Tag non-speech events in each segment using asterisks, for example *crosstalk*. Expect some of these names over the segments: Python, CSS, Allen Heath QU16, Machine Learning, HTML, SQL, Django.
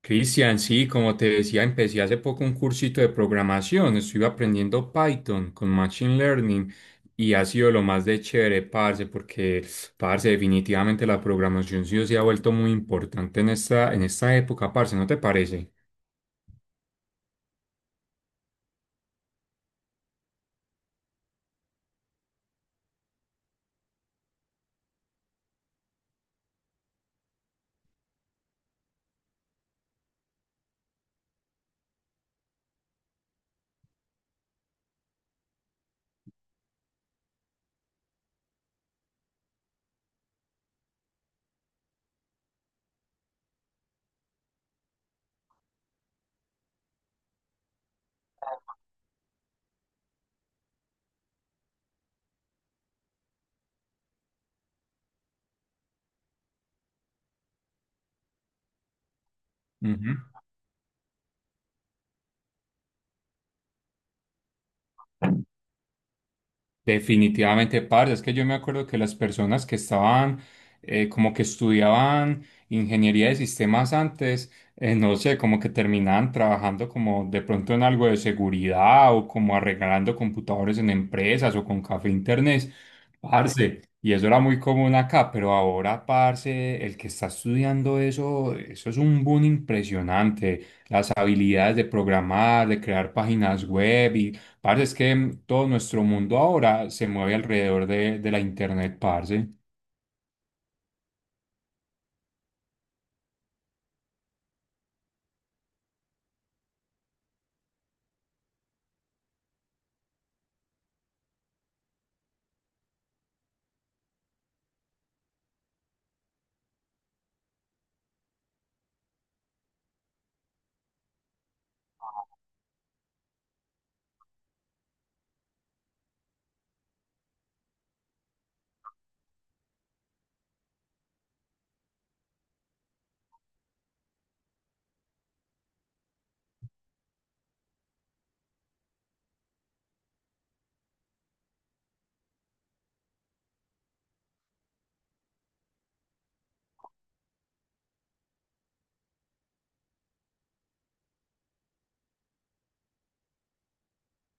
Cristian, sí, como te decía, empecé hace poco un cursito de programación. Estuve aprendiendo Python con Machine Learning y ha sido lo más de chévere, parce, porque, parce, definitivamente la programación sí se ha vuelto muy importante en esta época, parce, ¿no te parece? Ujú. Definitivamente, parce, es que yo me acuerdo que las personas que estaban como que estudiaban ingeniería de sistemas antes, no sé, como que terminaban trabajando como de pronto en algo de seguridad o como arreglando computadores en empresas o con café e internet, parce, y eso era muy común acá, pero ahora, parce, el que está estudiando eso, eso es un boom impresionante, las habilidades de programar, de crear páginas web. Parce, es que todo nuestro mundo ahora se mueve alrededor de la internet, parce.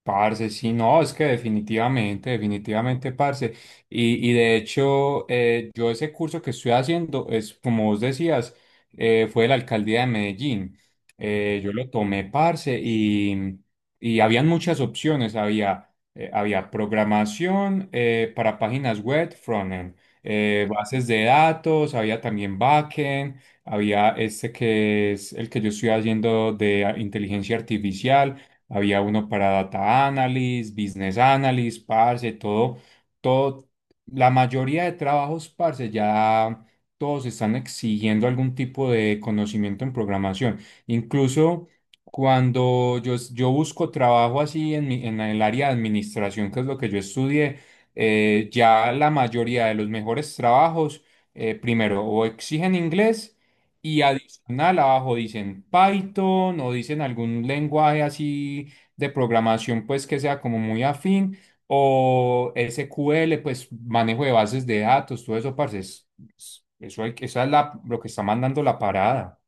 Parce, sí, no, es que definitivamente, definitivamente, parce. Y de hecho, yo ese curso que estoy haciendo es, como vos decías, fue de la alcaldía de Medellín. Yo lo tomé, parce, y habían muchas opciones. Había, había programación para páginas web, frontend, bases de datos, había también backend, había este que es el que yo estoy haciendo de inteligencia artificial, había uno para data analysis, business analysis, parce, todo, todo, la mayoría de trabajos, parce, ya todos están exigiendo algún tipo de conocimiento en programación. Incluso cuando yo busco trabajo así en en el área de administración, que es lo que yo estudié, ya la mayoría de los mejores trabajos, primero, o exigen inglés, y, canal abajo dicen Python o dicen algún lenguaje así de programación pues que sea como muy afín o SQL, pues manejo de bases de datos, todo eso parce, eso esa es la, lo que está mandando la parada.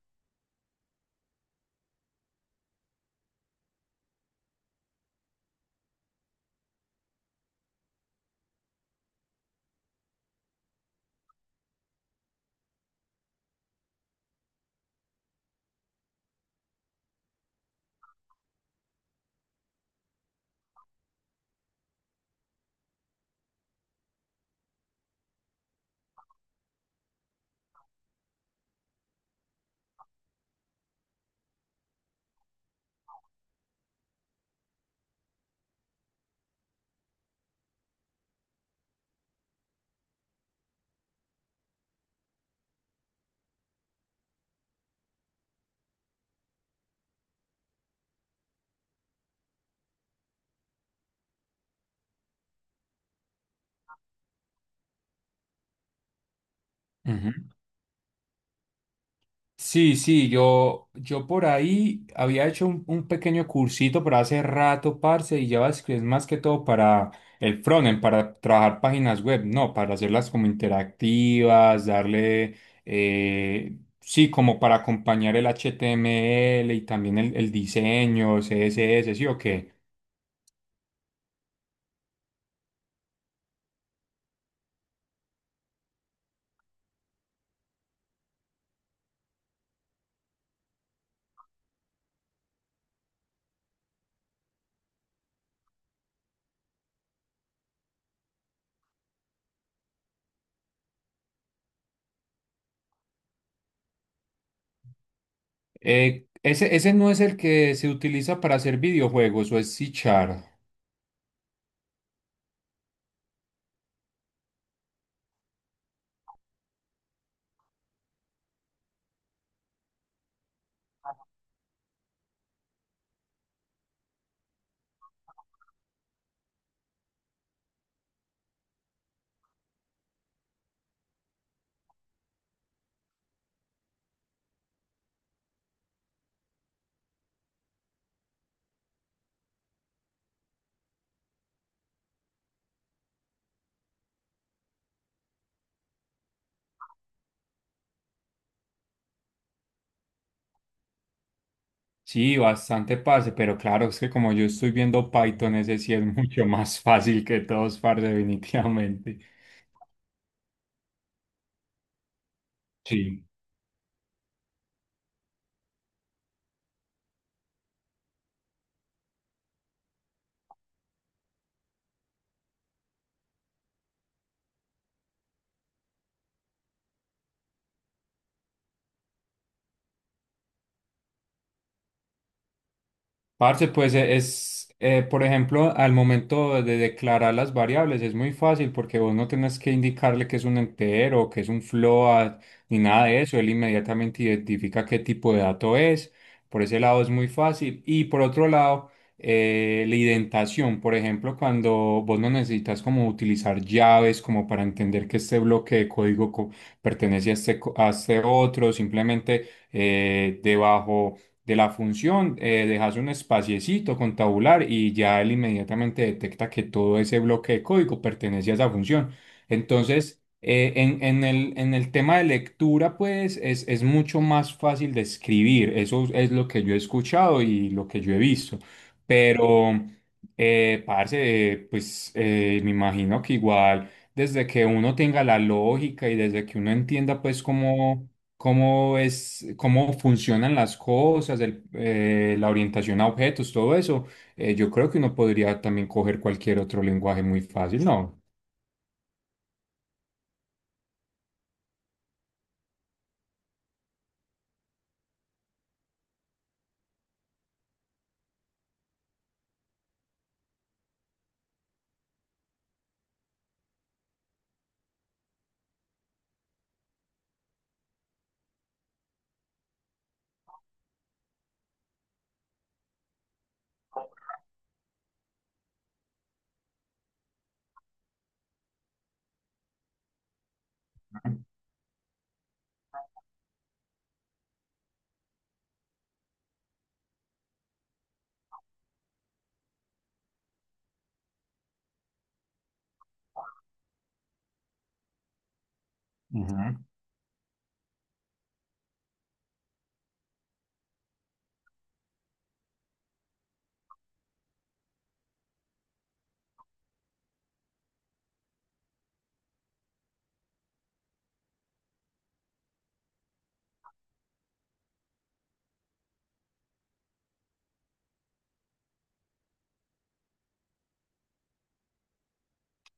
Ujú. Sí, sí, yo por ahí había hecho un pequeño cursito, pero hace rato, parce, y ya es que es más que todo para el frontend, para trabajar páginas web, no, para hacerlas como interactivas, darle, sí, como para acompañar el HTML y también el diseño, CSS, sí o qué. ¿Ese no es el que se utiliza para hacer videojuegos, o es c Sí, bastante parce, pero claro, es que como yo estoy viendo Python, ese sí es *laughs* mucho más fácil que todos, parce, definitivamente. Sí. Parce, pues es, por ejemplo, al momento de declarar las variables es muy fácil porque vos no tenés que indicarle que es un entero, que es un float, ni nada de eso. Él inmediatamente identifica qué tipo de dato es. Por ese lado es muy fácil. Y por otro lado, la indentación, por ejemplo, cuando vos no necesitas como utilizar llaves como para entender que este bloque de pertenece a este, a este otro, simplemente debajo de la función, dejas un espaciecito con tabular y ya él inmediatamente detecta que todo ese bloque de código pertenece a esa función. Entonces, en en el tema de lectura, pues es mucho más fácil de escribir. Eso es lo que yo he escuchado y lo que yo he visto. Pero, parce, pues me imagino que igual, desde que uno tenga la lógica y desde que uno entienda, pues, cómo es, cómo funcionan las cosas, la orientación a objetos, todo eso, yo creo que uno podría también coger cualquier otro lenguaje muy fácil, ¿no?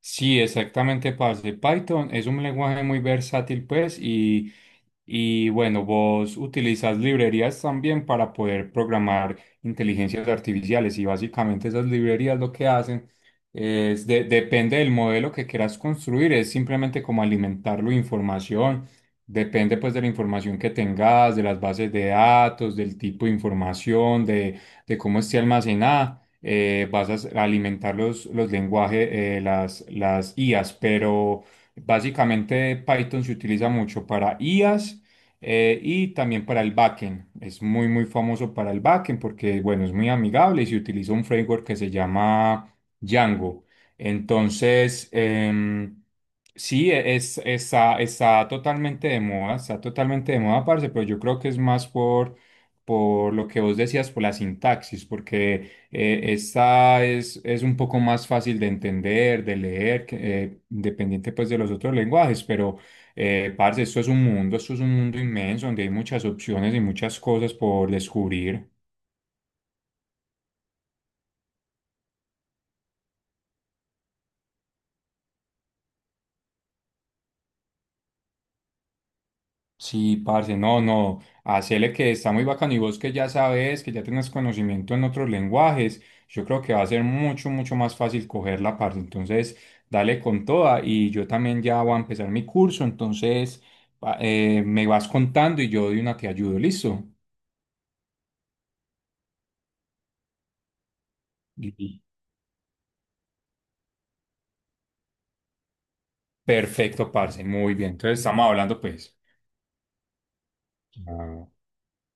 Sí, exactamente, parce. Python es un lenguaje muy versátil, pues, y bueno, vos utilizas librerías también para poder programar inteligencias artificiales y básicamente esas librerías lo que hacen es, depende del modelo que quieras construir, es simplemente como alimentarlo de información, depende pues de la información que tengas, de las bases de datos, del tipo de información, de cómo esté almacenada, vas a alimentar los lenguajes, las IAs, pero básicamente Python se utiliza mucho para IAs, y también para el backend. Es muy, muy famoso para el backend porque, bueno, es muy amigable y se utiliza un framework que se llama Django. Entonces, sí, es, está, está totalmente de moda, está totalmente de moda, parce, pero yo creo que es más por lo que vos decías, por la sintaxis, porque esta es un poco más fácil de entender, de leer, que, independiente pues de los otros lenguajes, pero parce, esto es un mundo, esto es un mundo inmenso donde hay muchas opciones y muchas cosas por descubrir. Sí, parce, no, no, hacele que está muy bacano y vos que ya sabes, que ya tienes conocimiento en otros lenguajes, yo creo que va a ser mucho, mucho más fácil cogerla, parce. Entonces, dale con toda y yo también ya voy a empezar mi curso, entonces me vas contando y yo de una te ayudo, ¿listo? Y- Perfecto, parce, muy bien. Entonces, estamos hablando, pues. Ah.